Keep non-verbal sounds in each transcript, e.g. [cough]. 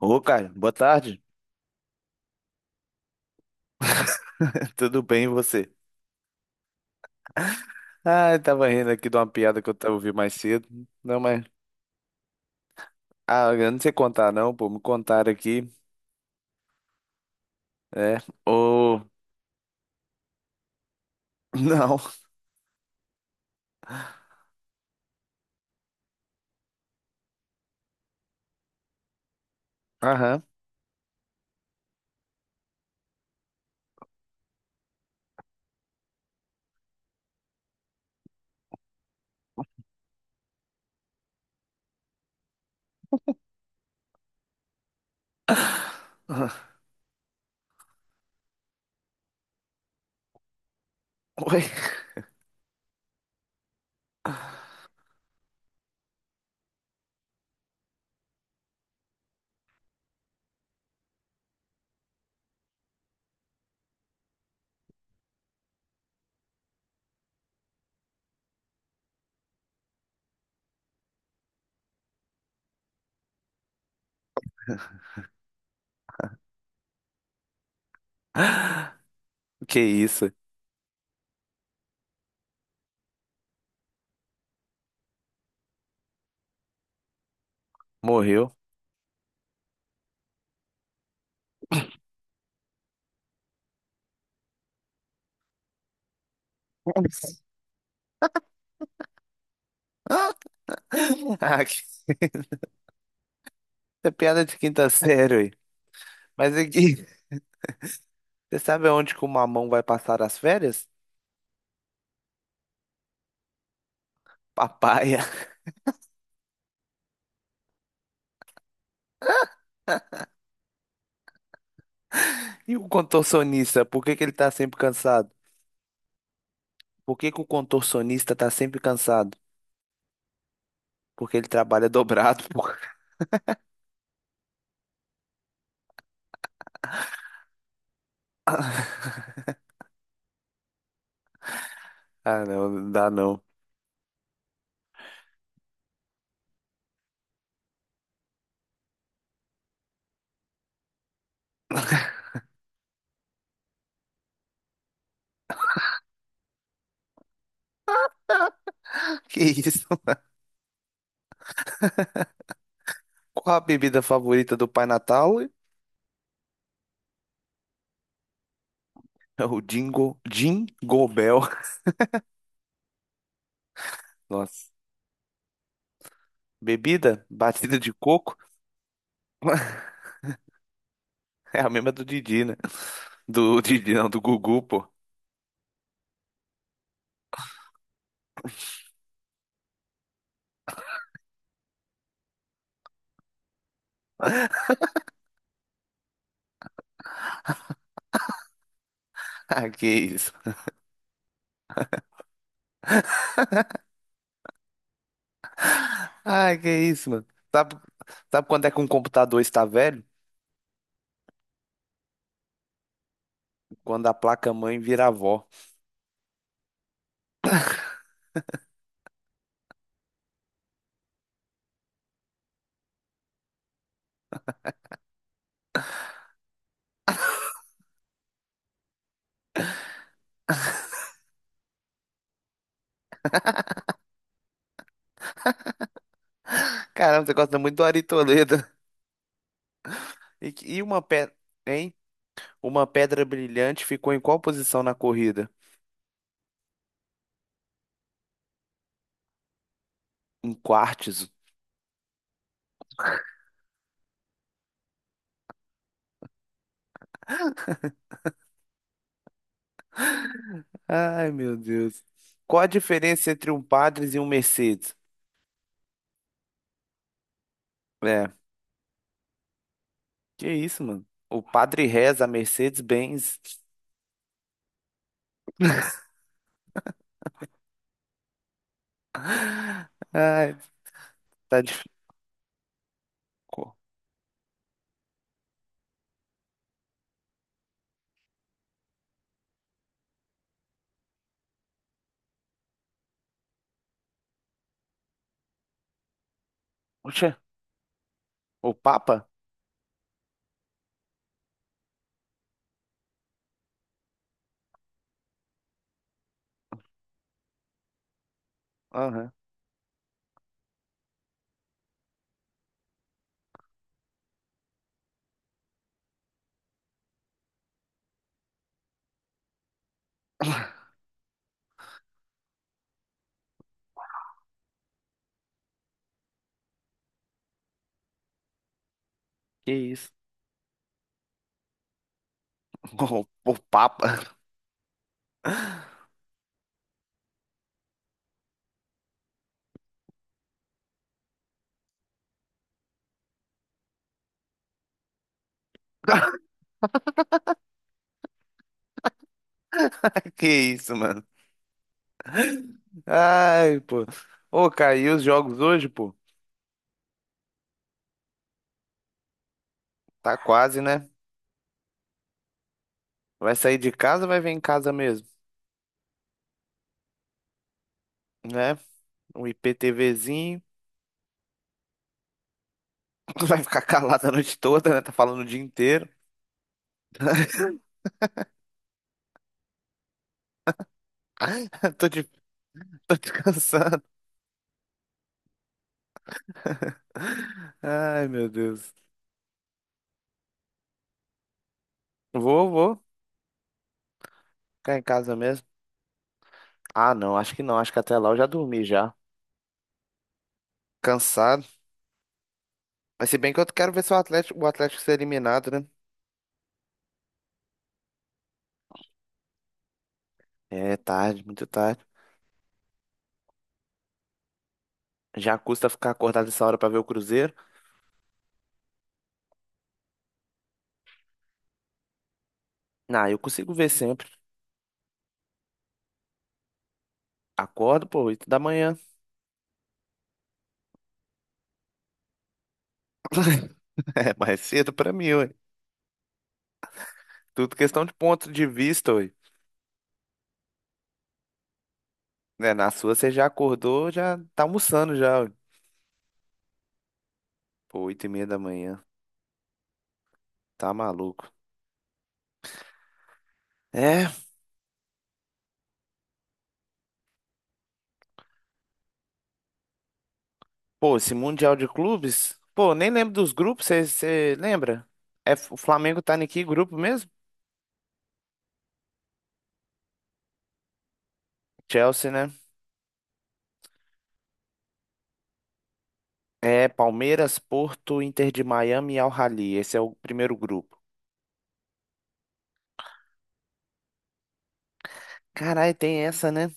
Ô, Caio, boa tarde. [laughs] Tudo bem, e você? Ah, eu tava rindo aqui de uma piada que eu tava ouvindo mais cedo. Não, mas. Ah, eu não sei contar, não, pô. Me contaram aqui. É. Ô. [laughs] Não. Aham. Oi. [laughs] Que isso? Morreu? [laughs] Ah, que... é piada de quinta série, aí. Mas aqui, [laughs] você sabe aonde que o mamão vai passar as férias? Papaya. [laughs] E o contorcionista, por que que ele tá sempre cansado? Por que que o contorcionista tá sempre cansado? Porque ele trabalha dobrado, pô. [laughs] Ah, não, não dá não. [laughs] Que isso? Qual a bebida favorita do Pai Natal? É o Jingo, Jingle Bell. Nossa. Bebida? Batida de coco? [laughs] É a mesma do Didi, né? Do Didi, não, do Gugu, pô. Ah, que isso. Ah, que isso, mano. Sabe, sabe quando é que um computador está velho? Quando a placa-mãe vira avó. Caramba, você gosta muito do Ari Toledo. E uma pedra, hein? Uma pedra brilhante ficou em qual posição na corrida? Em quartzo. Ai, meu Deus. Qual a diferença entre um Padres e um Mercedes? É, que isso, mano? O padre reza, a Mercedes-Benz. Ai, tá difícil. Poxa, o Papa? Aham, que isso. [laughs] O, o Papa? [laughs] Que isso, mano? Ai, pô. Ô, caiu os jogos hoje, pô. Tá quase, né? Vai sair de casa ou vai ver em casa mesmo? Né? Um IPTVzinho. [laughs] Vai ficar calado a noite toda, né? Tá falando o dia inteiro. [laughs] Tô, de... Tô descansando. Ai, meu Deus. Vou, vou. Ficar em casa mesmo. Ah, não, acho que não. Acho que até lá eu já dormi já. Cansado. Mas se bem que eu quero ver se o Atlético ser eliminado, né? É tarde, muito tarde. Já custa ficar acordado essa hora pra ver o Cruzeiro? Não, eu consigo ver sempre. Acordo, pô, 8 da manhã. [laughs] É mais cedo pra mim, ué. Tudo questão de ponto de vista, ué. Né, na sua você já acordou, já tá almoçando já, pô, 8:30 da manhã. Tá maluco. É, pô, esse Mundial de Clubes. Pô, nem lembro dos grupos, você lembra? É, o Flamengo tá em que grupo mesmo? Chelsea, né? É, Palmeiras, Porto, Inter de Miami e Al Ahly. Esse é o primeiro grupo. Caralho, tem essa, né?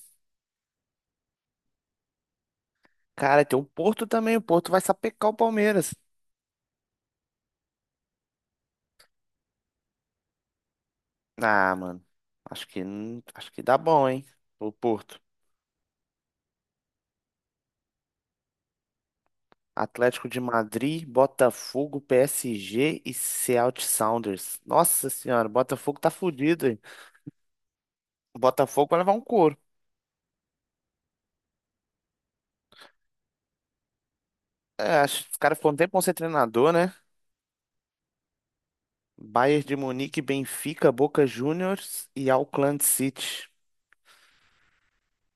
Cara, tem o Porto também. O Porto vai sapecar o Palmeiras. Ah, mano. Acho que, não- acho que dá bom, hein? O Porto. Atlético de Madrid, Botafogo, PSG e Seattle Sounders. Nossa senhora, o Botafogo tá fudido, hein? O Botafogo vai levar um couro. É, acho que os caras foram um tempo ser treinador, né? Bayern de Munique, Benfica, Boca Juniors e Auckland City.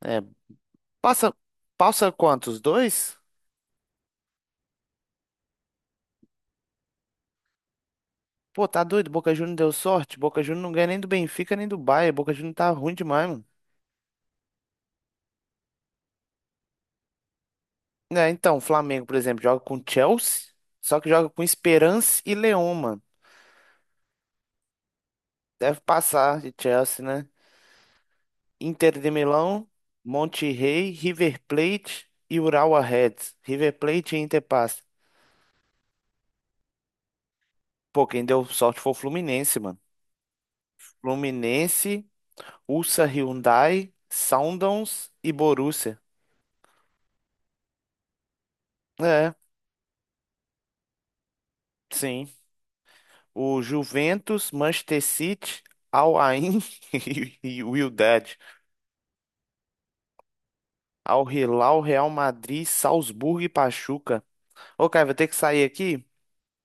É, passa, passa quantos? Dois? Pô, tá doido, Boca Juniors deu sorte. Boca Juniors não ganha nem do Benfica nem do Bayern. Boca Juniors tá ruim demais, mano. É, então, o Flamengo, por exemplo, joga com Chelsea, só que joga com Esperance e Leão, mano. Deve passar de Chelsea, né? Inter de Milão, Monterrey, River Plate e Urawa Reds. River Plate e Inter passa. Pô, quem deu sorte foi o Fluminense, mano. Fluminense, Ulsa Hyundai, Sundowns e Borussia. É, sim. O Juventus, Manchester City, Al Ain [laughs] e o Wydad. Al Hilal, Real Madrid, Salzburgo e Pachuca. Ô, cara, vou ter que sair aqui.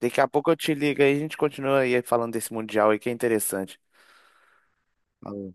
Daqui a pouco eu te ligo aí, a gente continua aí falando desse Mundial aí que é interessante. Falou.